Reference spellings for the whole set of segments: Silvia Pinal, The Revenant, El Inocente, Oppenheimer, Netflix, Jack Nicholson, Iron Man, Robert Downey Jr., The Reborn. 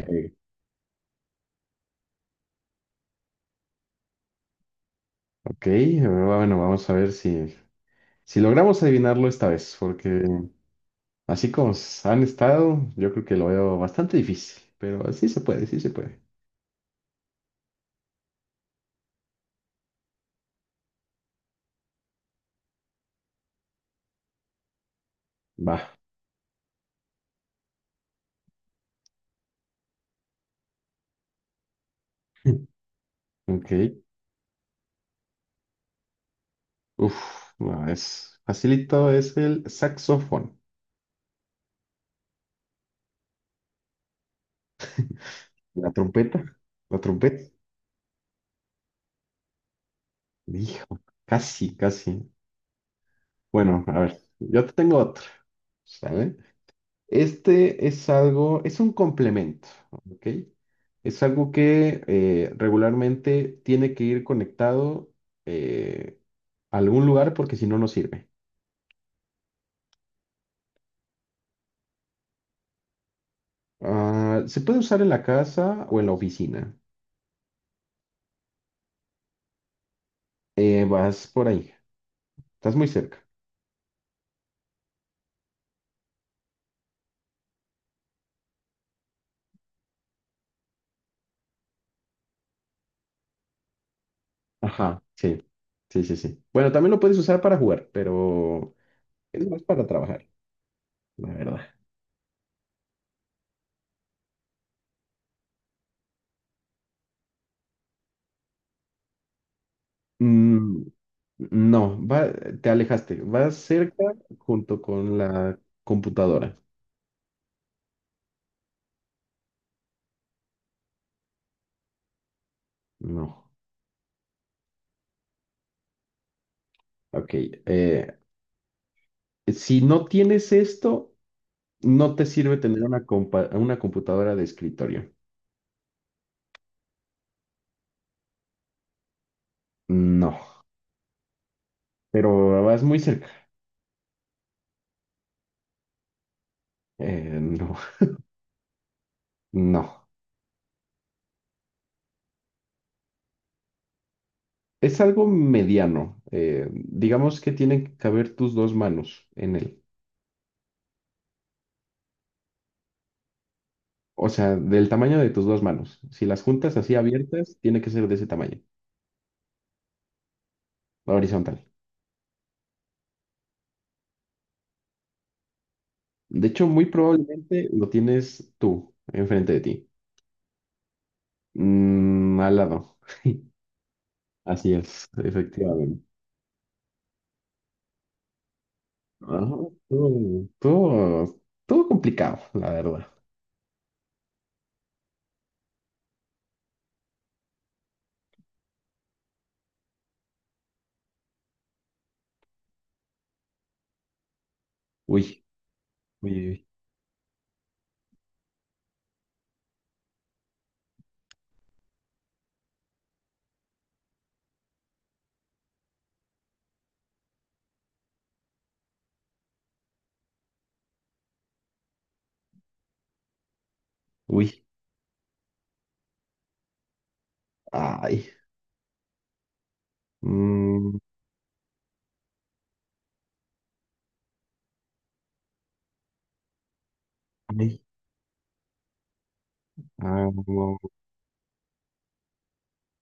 Eh, ok, bueno, vamos a ver si, si logramos adivinarlo esta vez, porque así como han estado, yo creo que lo veo bastante difícil, pero sí se puede, sí se puede. Va. Ok. Uf, no, es facilito, es el saxofón. La trompeta, la trompeta. Hijo, casi, casi. Bueno, a ver, yo te tengo otra, ¿sale? Este es algo, es un complemento, ¿ok? Es algo que regularmente tiene que ir conectado eh, a algún lugar porque si no, no sirve. Ah, se puede usar en la casa o en la oficina. Vas por ahí, estás muy cerca. Ajá, sí, sí, sí, sí. Bueno, también lo puedes usar para jugar, pero es más para trabajar, la verdad. Mm, no, va, te alejaste. Vas cerca junto con la computadora. No. Ok. Si no tienes esto, no te sirve tener una, una computadora de escritorio. No. Pero vas muy cerca. No. No. Es algo mediano. Digamos que tienen que caber tus dos manos en él. O sea, del tamaño de tus dos manos. Si las juntas así abiertas, tiene que ser de ese tamaño, horizontal. De hecho, muy probablemente lo tienes tú, enfrente de ti. Mm, al lado. Así es, efectivamente. Ajá, estuvo, estuvo- estuvo complicado, la verdad. Uy, uy, uy, uy. Ay. Mm, ay, ah, no.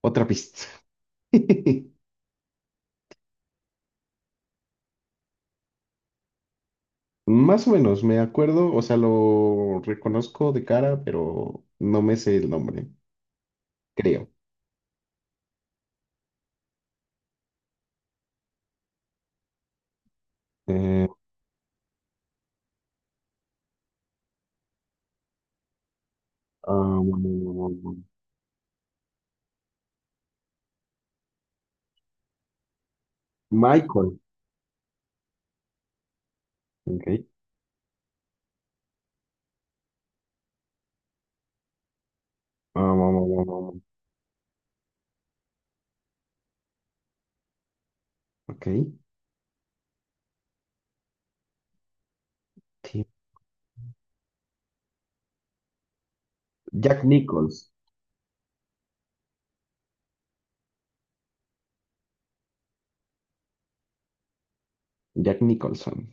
Otra pista. Más o menos, me acuerdo, o sea, lo reconozco de cara, pero no me sé el nombre, creo. Eh, um, Michael. Ok. Um, ok. Tim- Jack Nichols. Jack Nicholson.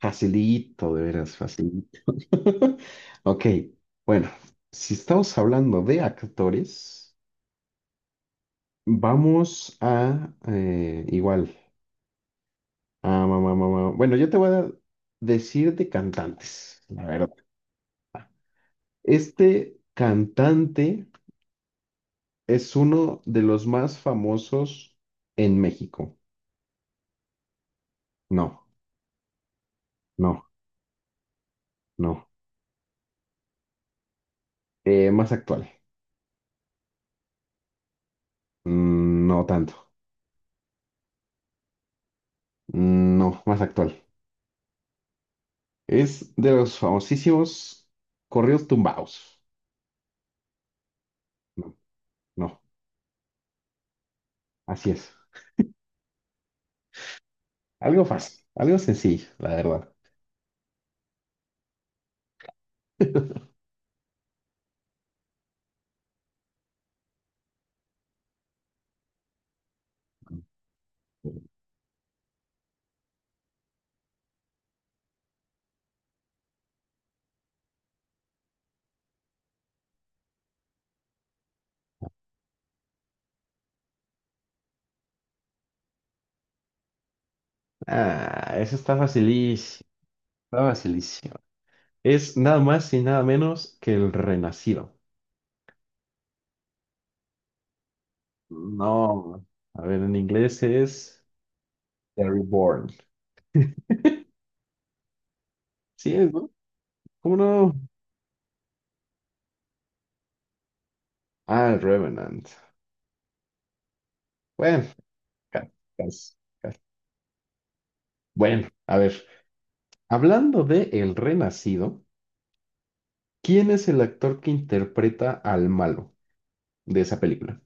Facilito, de veras, facilito. Ok, bueno, si estamos hablando de actores, vamos a igual. Ah, mamá, mamá. Bueno, yo te voy a decir de cantantes, la verdad. Este cantante es uno de los más famosos en México. No, no, no. Más actual. Mm, no tanto. Mm, no, más actual. Es de los famosísimos corridos tumbados. No, no, así es. Algo fácil, algo sencillo, la verdad. Ah, eso está facilísimo, está facilísimo. Es nada más y nada menos que el Renacido. No, a ver, en inglés es The Reborn. Sí, es, ¿no? ¿Cómo no? Ah, el Revenant. Bueno, ca- cas- cas- bueno, a ver, hablando de el Renacido. ¿Quién es el actor que interpreta al malo de esa película?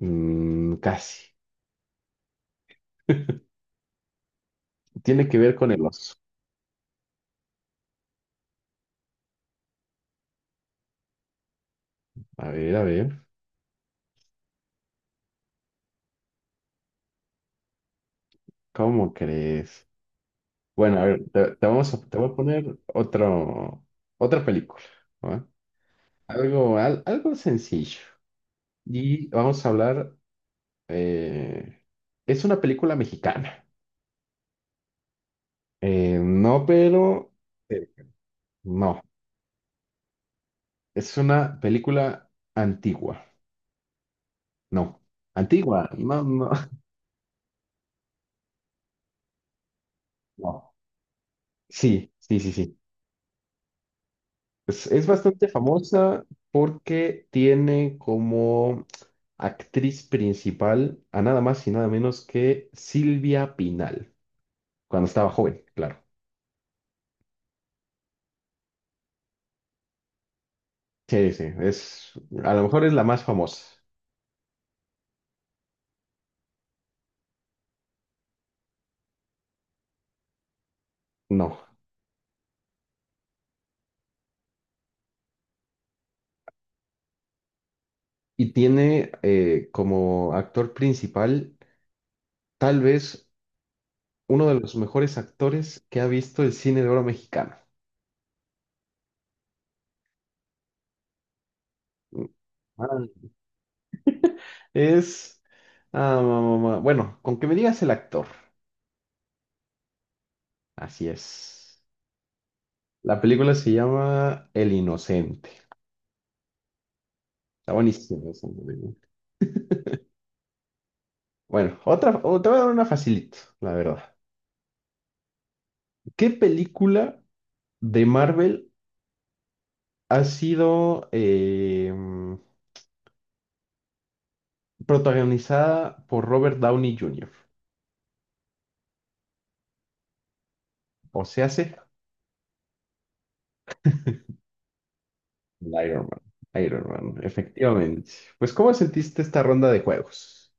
Mm, casi. Tiene que ver con el oso. A ver, ¿cómo crees? Bueno, a ver, te voy a poner otra película, ¿va? Algo, algo sencillo. Y vamos a hablar, eh, es una película mexicana. No, pero eh, no. Es una película antigua. No. Antigua, no, no. No. Sí, sí, sí, sí. Pues es bastante famosa porque tiene como actriz principal a nada más y nada menos que Silvia Pinal, cuando estaba joven, claro. Sí, sí, es, a lo mejor es la más famosa. No. Y tiene como actor principal tal vez uno de los mejores actores que ha visto el cine de oro mexicano. Ah, es... bueno, con que me digas el actor. Así es. La película se llama El Inocente. Está buenísima esa película. Bueno, otra, te voy a dar una facilito, la verdad. ¿Qué película de Marvel ha sido protagonizada por Robert Downey Jr.? O se hace Iron Man. Iron Man, efectivamente. Pues, ¿cómo sentiste esta ronda de juegos?